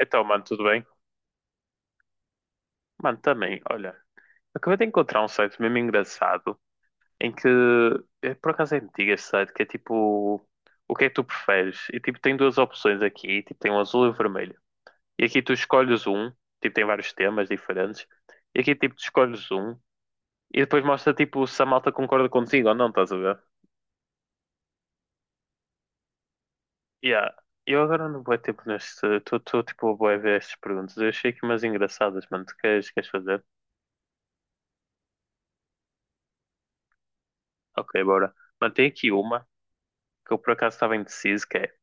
Então, mano, tudo bem? Mano, também, olha, acabei de encontrar um site mesmo engraçado em que por acaso é antigo este site, que é tipo o que é que tu preferes? E tipo tem duas opções aqui, tipo tem o azul e o vermelho. E aqui tu escolhes um, tipo tem vários temas diferentes, e aqui tipo tu escolhes um e depois mostra tipo se a malta concorda contigo ou não, estás a ver? Yeah. Eu agora não vou tempo neste. Estou tipo a bué ver estas perguntas. Eu achei aqui umas engraçadas, mano. Tu queres, queres fazer? Ok, bora. Mano, tem aqui uma. Que eu por acaso estava indeciso, que é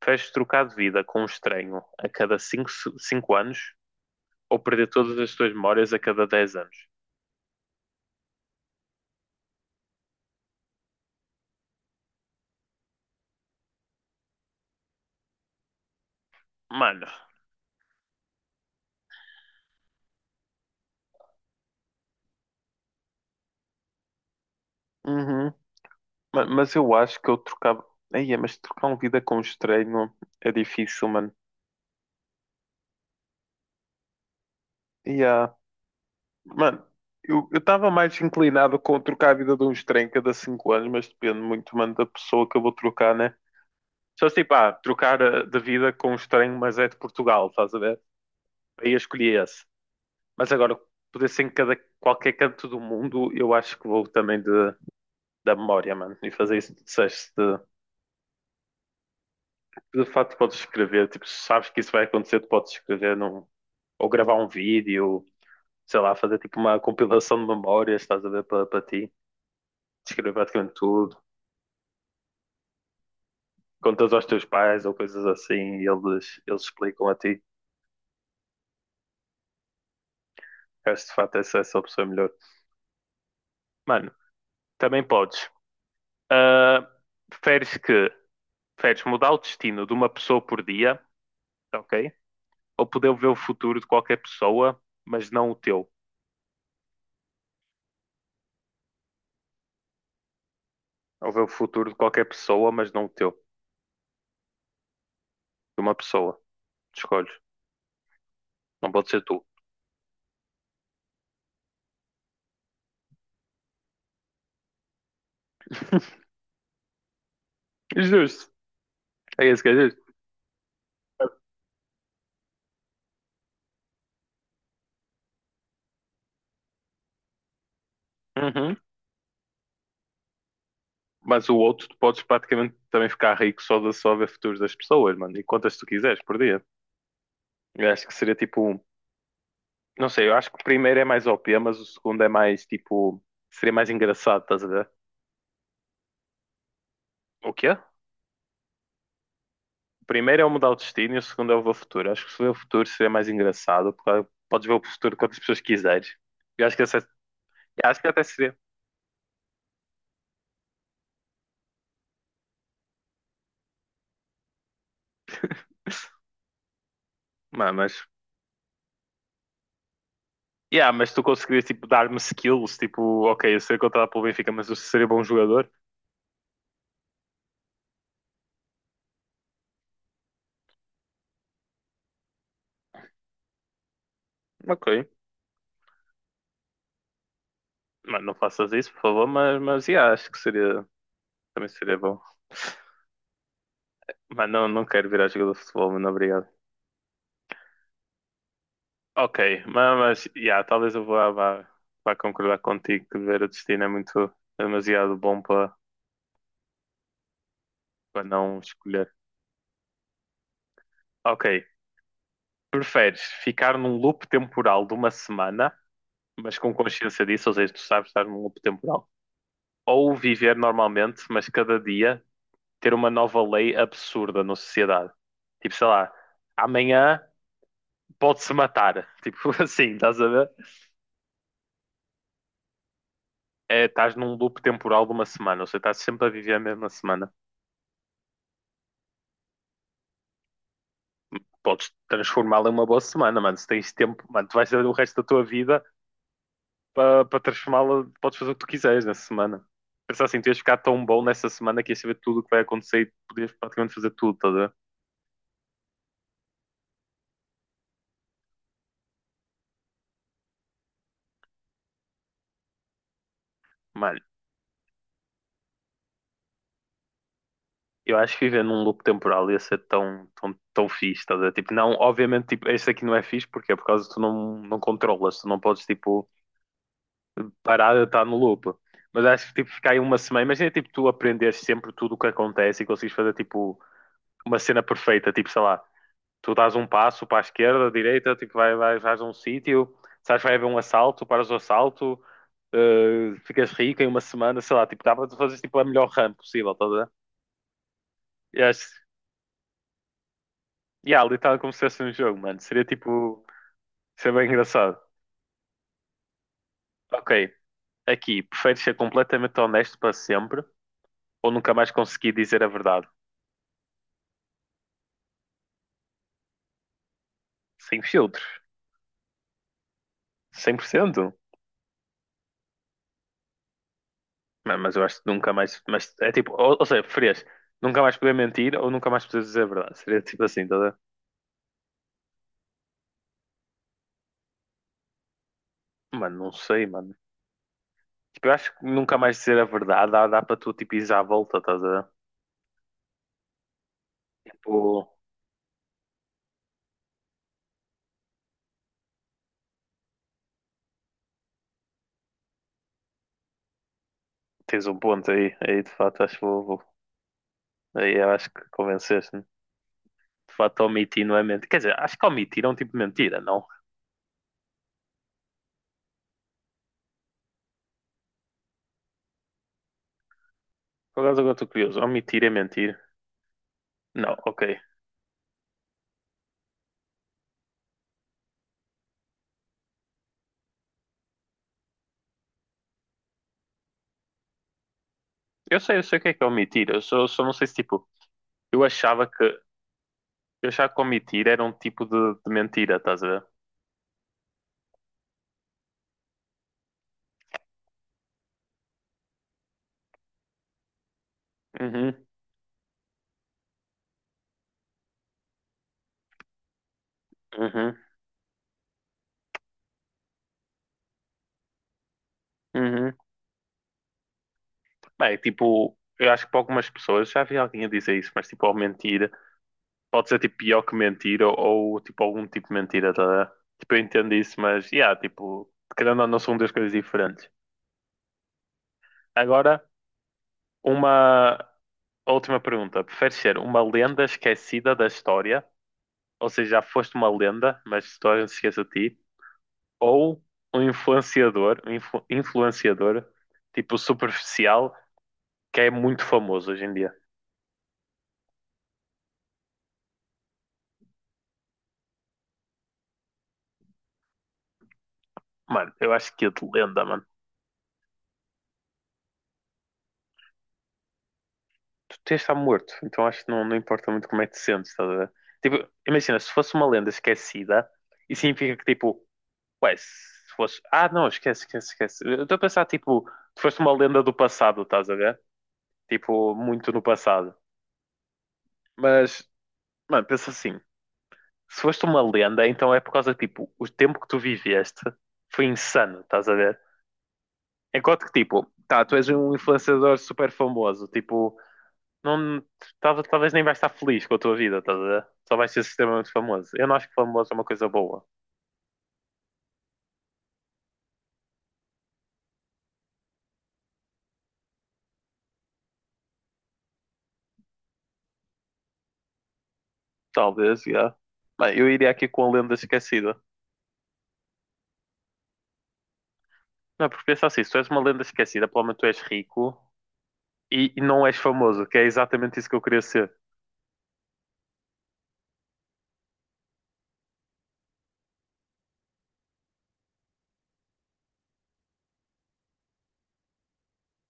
preferes trocar de vida com um estranho a cada cinco anos ou perder todas as tuas memórias a cada 10 anos? Mano, uhum. Mas eu acho que eu trocava. Aí, mas trocar uma vida com um estranho é difícil, mano. Yeah. Mano, eu estava mais inclinado com trocar a vida de um estranho cada cinco anos, mas depende muito, mano, da pessoa que eu vou trocar, né? Só se tipo, ah, trocar de vida com um estranho, mas é de Portugal, estás a ver? Aí eu escolhi esse. Mas agora, poder ser em cada, qualquer canto do mundo, eu acho que vou também de, da memória, mano. E fazer isso que tu disseste. De facto, podes escrever. Tipo, se sabes que isso vai acontecer, tu podes escrever num, ou gravar um vídeo, sei lá, fazer tipo uma compilação de memórias, estás a ver, para para ti. Escrever praticamente tudo. Contas aos teus pais ou coisas assim e eles explicam a ti. Acho que de facto essa, essa opção é melhor. Mano, também podes. Ah, preferes que preferes mudar o destino de uma pessoa por dia, ok? Ou poder ver o futuro de qualquer pessoa, mas não o teu. Ou ver o futuro de qualquer pessoa, mas não o teu. De uma pessoa. Escolhes. Não pode ser tu. Justo. É isso que é justo. Uhum. Mas o outro, tu podes praticamente também ficar rico só de só ver futuros das pessoas, mano. E quantas tu quiseres por dia. Eu acho que seria tipo. Não sei, eu acho que o primeiro é mais OP, mas o segundo é mais tipo. Seria mais engraçado, estás a ver? O quê? O primeiro é o mudar o destino e o segundo é o ver o futuro. Acho que se ver o futuro seria mais engraçado, porque claro, podes ver o futuro quantas pessoas quiseres. Eu acho que, acho que até seria. Mas, mas, yeah, mas tu conseguirias tipo, dar-me skills, tipo, ok, eu sei contratado pelo Benfica, mas eu seria bom jogador. Ok, mas não faças isso, por favor, mas yeah, acho que seria, também seria bom. Mas não, não quero virar jogador de futebol, mano, obrigado. Ok, mas yeah, talvez eu vá concordar contigo que ver o destino é muito é demasiado bom para para não escolher. Ok. Preferes ficar num loop temporal de uma semana, mas com consciência disso, ou seja, tu sabes estar num loop temporal, ou viver normalmente, mas cada dia ter uma nova lei absurda na sociedade. Tipo, sei lá, amanhã pode-se matar. Tipo assim, estás a ver? É, estás num loop temporal de uma semana, ou seja, estás sempre a viver a mesma semana. Podes transformá-la em uma boa semana, mano. Se tens tempo, mano, tu vais saber o resto da tua vida para para transformá-la, podes fazer o que tu quiseres nessa semana. Pensar assim, tu ias ficar tão bom nessa semana que ias saber tudo o que vai acontecer e podias praticamente fazer tudo, tá a ver? Mano, eu acho que viver num loop temporal ia ser tão, tão, tão fixe, tá a ver? Tipo, não, obviamente, tipo, este aqui não é fixe, porque é por causa que tu não, não controlas, tu não podes, tipo, parar de estar no loop. Mas acho que, tipo, ficar aí uma semana, imagina, tipo, tu aprenderes sempre tudo o que acontece e consegues fazer, tipo, uma cena perfeita, tipo, sei lá, tu dás um passo para a esquerda, direita, tipo, vais a um sítio, sabes, vai haver um assalto, paras o assalto, ficas rico em uma semana, sei lá, tipo, dá para tu fazeres tipo, a melhor run possível, estás a ver? E acho, yeah, literalmente como se fosse um jogo, mano, seria tipo, seria bem engraçado. Ok, aqui, preferes ser completamente honesto para sempre ou nunca mais conseguir dizer a verdade? Sem filtros, 100%? Mas eu acho que nunca mais, mas é tipo, ou seja, preferias nunca mais poder mentir ou nunca mais poder dizer a verdade? Seria tipo assim, tá a ver? Mano, não sei, mano. Tipo, eu acho que nunca mais dizer a verdade dá, dá para tu, tipo, ires à volta, estás a... ver? Tipo, tens um ponto aí. Aí, de fato, acho que Aí eu acho que convenceste-me. De fato, omitir não é mentir. Quer dizer, acho que omitir é um tipo de mentira, não? Por acaso agora estou curioso. Omitir é mentir? Não, ok. Eu sei o que é omitir. Eu só, só não sei se, tipo... Eu achava que... Eu achava que omitir era um tipo de mentira, estás a ver? Uhum, uhum, uhum. Bem, tipo... Eu acho que para algumas pessoas, já vi alguém a dizer isso, mas tipo, ao mentir... pode ser tipo pior que mentira ou, tipo algum tipo de mentira, tá a ver? Tipo, eu entendo isso, mas yeah, tipo, querendo ou não são duas coisas diferentes. Agora, uma última pergunta. Preferes ser uma lenda esquecida da história, ou seja, já foste uma lenda, mas a história se esquece de ti, ou um influenciador, influenciador tipo superficial que é muito famoso hoje em dia. Mano, eu acho que é de lenda, mano. Tu tens de estar morto, então acho que não, não importa muito como é que te sentes, estás a ver? Tipo, imagina, se fosse uma lenda esquecida, isso significa que, tipo, ué, se fosse. Ah, não, esquece. Eu estou a pensar, tipo, tu foste uma lenda do passado, estás a ver? Tipo, muito no passado. Mas, mano, pensa assim, se foste uma lenda, então é por causa, tipo, o tempo que tu viveste foi insano, estás a ver? Enquanto que, tipo, tá, tu és um influenciador super famoso, tipo não, talvez, talvez nem vais estar feliz com a tua vida, estás a ver? Só vais ser extremamente famoso. Eu não acho que famoso é uma coisa boa. Talvez, já. Bem, eu iria aqui com a lenda esquecida. Não, porque pensa assim, se tu és uma lenda esquecida, pelo menos tu és rico e não és famoso, que é exatamente isso que eu queria ser.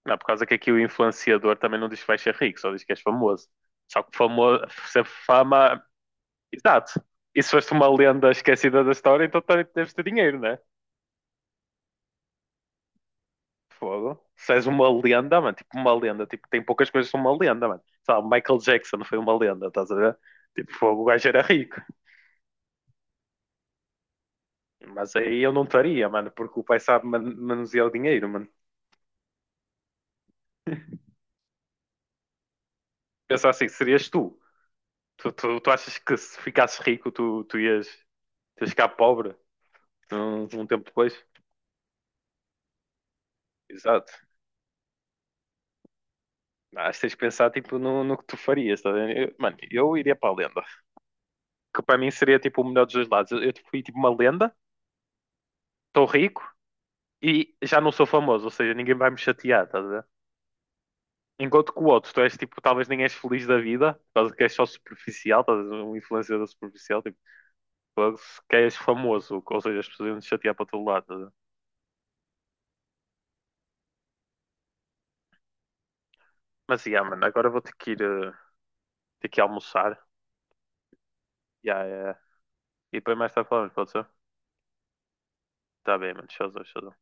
Não, por causa que aqui o influenciador também não diz que vais ser rico, só diz que és famoso. Só que famoso, ser fama. Exato. E se foste uma lenda esquecida da história, então também deves ter dinheiro, né? Fogo. Se és uma lenda, mano, tipo uma lenda, tipo, tem poucas coisas que são uma lenda, mano. Sabe, Michael Jackson foi uma lenda, estás a ver? Tipo, fogo, o gajo era rico. Mas aí eu não estaria, mano, porque o pai sabe manusear o dinheiro, mano. Pensa assim, serias tu. Tu achas que se ficasses rico, tu ias, tu ias ficar pobre um tempo depois? Exato. Mas tens de pensar, tipo, no, no que tu farias, tá a Mano, eu iria para a lenda. Que para mim seria, tipo, o melhor dos dois lados. Eu tipo, fui, tipo, uma lenda, estou rico, e já não sou famoso, ou seja, ninguém vai me chatear, estás a ver? Enquanto que o outro, tu és tipo, talvez nem és feliz da vida, por causa que és só superficial, estás a ver? Um influenciador superficial, tipo, fogo, que és famoso, ou seja, as pessoas iam te chatear para todo lado, estás a ver? Mas, yeah, mano, agora vou ter que ir, ter que ir almoçar, yeah. E depois mais tarde falamos, pode ser? Tá bem, mano, tchauzão, tchauzão.